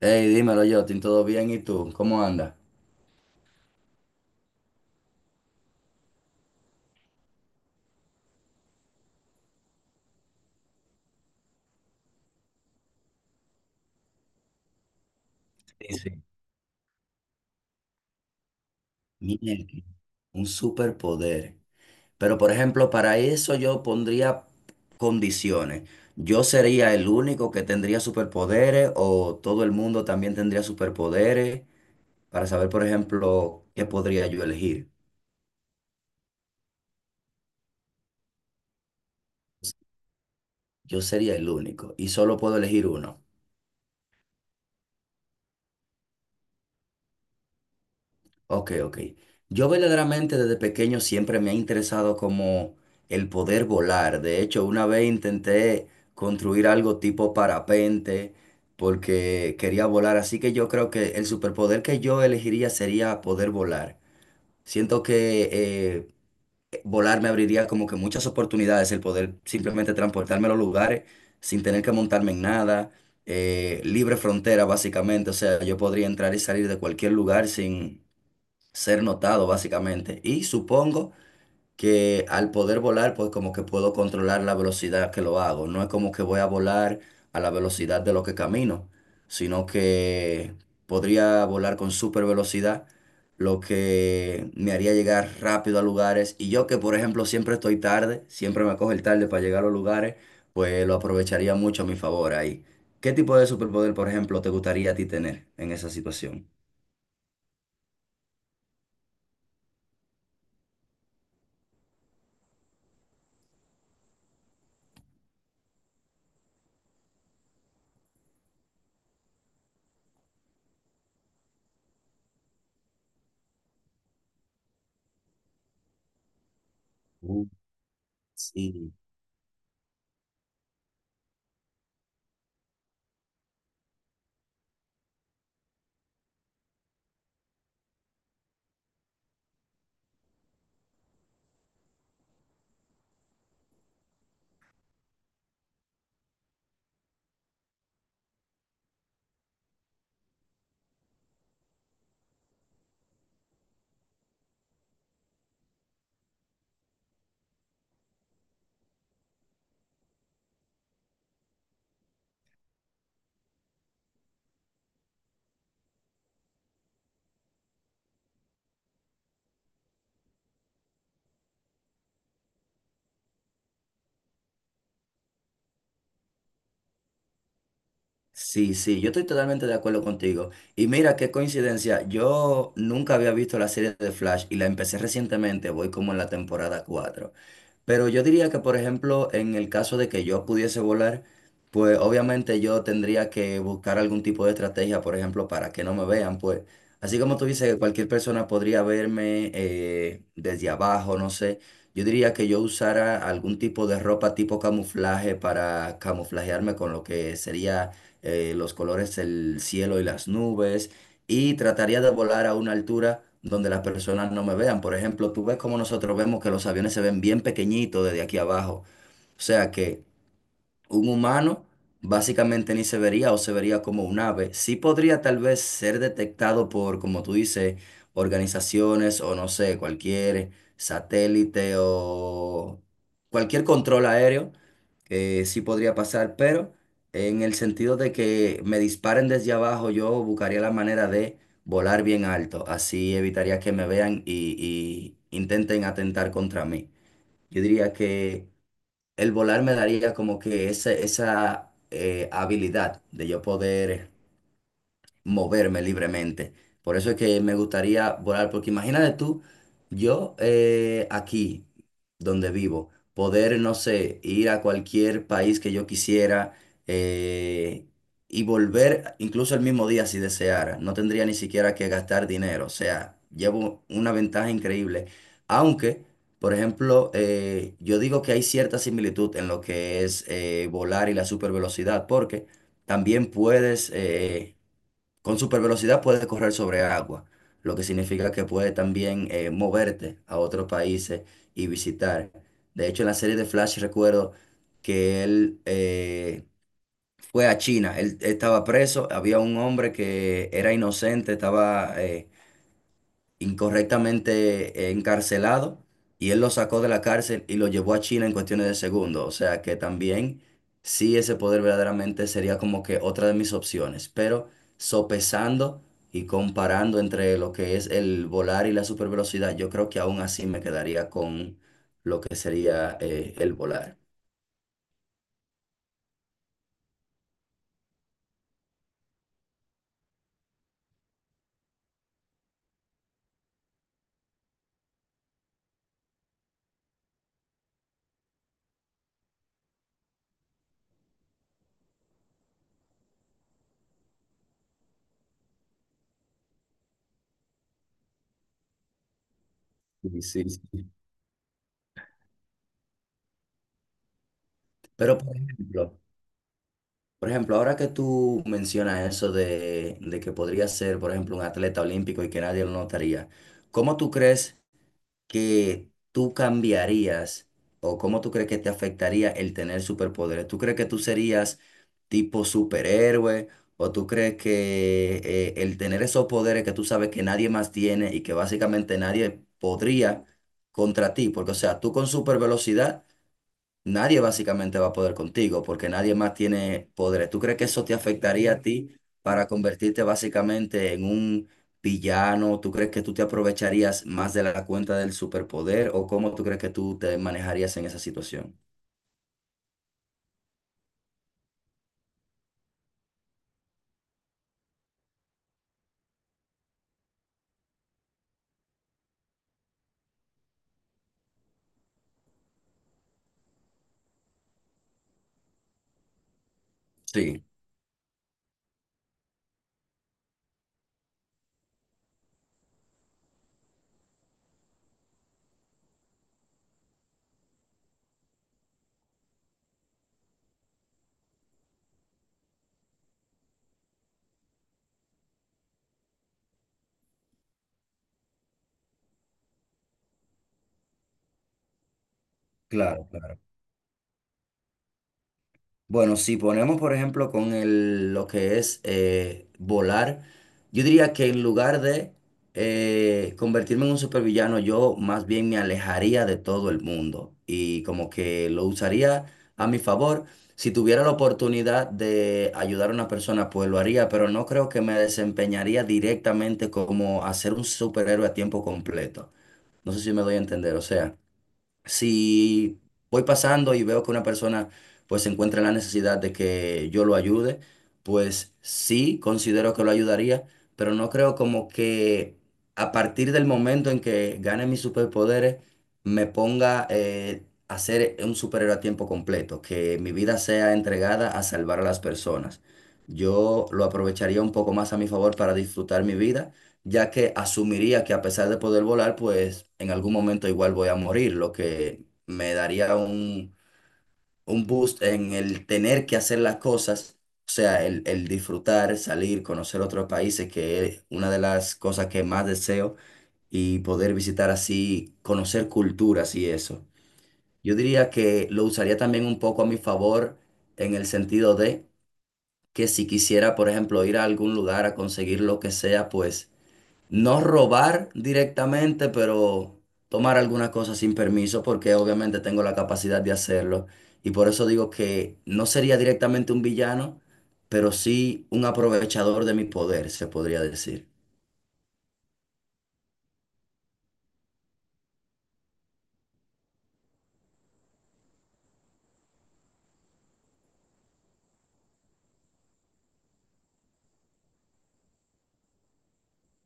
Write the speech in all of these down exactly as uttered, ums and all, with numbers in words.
Hey, dímelo, Jotin, ¿todo bien? ¿Y tú? ¿Cómo andas? Sí, sí. Mierda, un superpoder. Pero, por ejemplo, para eso yo pondría condiciones. ¿Yo sería el único que tendría superpoderes o todo el mundo también tendría superpoderes? Para saber, por ejemplo, qué podría yo elegir. Yo sería el único y solo puedo elegir uno. Ok, ok. Yo verdaderamente desde pequeño siempre me ha interesado como el poder volar. De hecho, una vez intenté construir algo tipo parapente porque quería volar. Así que yo creo que el superpoder que yo elegiría sería poder volar. Siento que eh, volar me abriría como que muchas oportunidades el poder simplemente transportarme a los lugares sin tener que montarme en nada. Eh, libre frontera, básicamente. O sea, yo podría entrar y salir de cualquier lugar sin ser notado básicamente. Y supongo que al poder volar, pues como que puedo controlar la velocidad que lo hago. No es como que voy a volar a la velocidad de lo que camino, sino que podría volar con super velocidad, lo que me haría llegar rápido a lugares. Y yo que, por ejemplo, siempre estoy tarde, siempre me coge el tarde para llegar a los lugares, pues lo aprovecharía mucho a mi favor ahí. ¿Qué tipo de superpoder, por ejemplo, te gustaría a ti tener en esa situación? Uh, sí. Sí, sí, yo estoy totalmente de acuerdo contigo. Y mira qué coincidencia, yo nunca había visto la serie de Flash y la empecé recientemente, voy como en la temporada cuatro. Pero yo diría que, por ejemplo, en el caso de que yo pudiese volar, pues obviamente yo tendría que buscar algún tipo de estrategia, por ejemplo, para que no me vean, pues. Así como tú dices que cualquier persona podría verme eh, desde abajo, no sé. Yo diría que yo usara algún tipo de ropa tipo camuflaje para camuflajearme con lo que sería eh, los colores del cielo y las nubes, y trataría de volar a una altura donde las personas no me vean. Por ejemplo, tú ves como nosotros vemos que los aviones se ven bien pequeñitos desde aquí abajo. O sea que un humano básicamente ni se vería o se vería como un ave. Sí podría tal vez ser detectado por, como tú dices, organizaciones o no sé, cualquier satélite o cualquier control aéreo. Eh, sí podría pasar, pero en el sentido de que me disparen desde abajo, yo buscaría la manera de volar bien alto. Así evitaría que me vean y, y intenten atentar contra mí. Yo diría que el volar me daría como que esa, esa eh, habilidad de yo poder moverme libremente. Por eso es que me gustaría volar, porque imagínate tú, yo eh, aquí, donde vivo, poder, no sé, ir a cualquier país que yo quisiera eh, y volver incluso el mismo día si deseara. No tendría ni siquiera que gastar dinero. O sea, llevo una ventaja increíble. Aunque, por ejemplo, eh, yo digo que hay cierta similitud en lo que es eh, volar y la supervelocidad, porque también puedes... eh, con super velocidad puedes correr sobre agua, lo que significa que puedes también eh, moverte a otros países y visitar. De hecho, en la serie de Flash recuerdo que él eh, fue a China, él estaba preso, había un hombre que era inocente, estaba eh, incorrectamente eh, encarcelado y él lo sacó de la cárcel y lo llevó a China en cuestiones de segundos. O sea que también sí ese poder verdaderamente sería como que otra de mis opciones, pero sopesando y comparando entre lo que es el volar y la supervelocidad, yo creo que aún así me quedaría con lo que sería eh, el volar. Sí, sí, sí. Pero por ejemplo, por ejemplo, ahora que tú mencionas eso de, de que podría ser, por ejemplo, un atleta olímpico y que nadie lo notaría, ¿cómo tú crees que tú cambiarías o cómo tú crees que te afectaría el tener superpoderes? ¿Tú crees que tú serías tipo superhéroe o tú crees que eh, el tener esos poderes que tú sabes que nadie más tiene y que básicamente nadie podría contra ti? Porque, o sea, tú con supervelocidad nadie básicamente va a poder contigo porque nadie más tiene poderes. ¿Tú crees que eso te afectaría a ti para convertirte básicamente en un villano? ¿Tú crees que tú te aprovecharías más de la cuenta del superpoder o cómo tú crees que tú te manejarías en esa situación? Sí. Claro, claro. Bueno, si ponemos, por ejemplo, con el, lo que es eh, volar, yo diría que en lugar de eh, convertirme en un supervillano, yo más bien me alejaría de todo el mundo y como que lo usaría a mi favor. Si tuviera la oportunidad de ayudar a una persona, pues lo haría, pero no creo que me desempeñaría directamente como hacer un superhéroe a tiempo completo. No sé si me doy a entender, o sea. Si voy pasando y veo que una persona pues se encuentra en la necesidad de que yo lo ayude, pues sí considero que lo ayudaría, pero no creo como que a partir del momento en que gane mis superpoderes me ponga eh, a ser un superhéroe a tiempo completo, que mi vida sea entregada a salvar a las personas. Yo lo aprovecharía un poco más a mi favor para disfrutar mi vida ya que asumiría que a pesar de poder volar, pues en algún momento igual voy a morir, lo que me daría un, un boost en el tener que hacer las cosas, o sea, el, el disfrutar, salir, conocer otros países, que es una de las cosas que más deseo, y poder visitar así, conocer culturas y eso. Yo diría que lo usaría también un poco a mi favor en el sentido de que si quisiera, por ejemplo, ir a algún lugar a conseguir lo que sea, pues no robar directamente, pero tomar algunas cosas sin permiso, porque obviamente tengo la capacidad de hacerlo. Y por eso digo que no sería directamente un villano, pero sí un aprovechador de mi poder, se podría decir.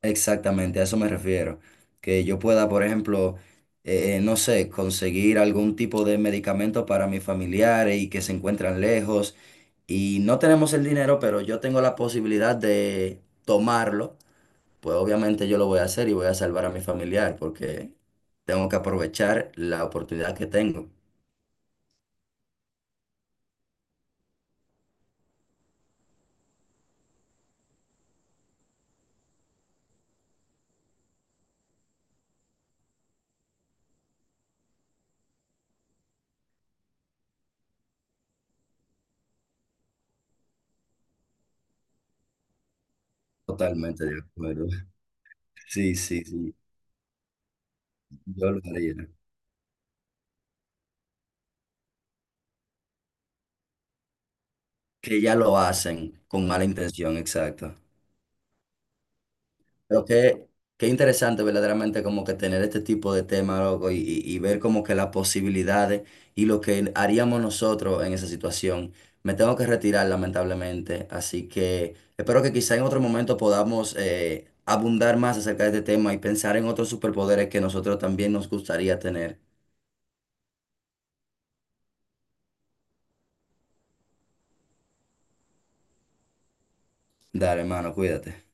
Exactamente, a eso me refiero. Que yo pueda, por ejemplo, eh, eh, no sé, conseguir algún tipo de medicamento para mis familiares y que se encuentran lejos. Y no tenemos el dinero, pero yo tengo la posibilidad de tomarlo pues obviamente yo lo voy a hacer y voy a salvar a mi familiar porque tengo que aprovechar la oportunidad que tengo. Totalmente de acuerdo. Sí, sí, sí, yo lo haría. Que ya lo hacen con mala intención, exacto. Pero qué, qué interesante verdaderamente como que tener este tipo de tema loco, y, y- y ver como que las posibilidades y lo que haríamos nosotros en esa situación. Me tengo que retirar lamentablemente, así que espero que quizá en otro momento podamos eh, abundar más acerca de este tema y pensar en otros superpoderes que nosotros también nos gustaría tener. Dale, hermano, cuídate.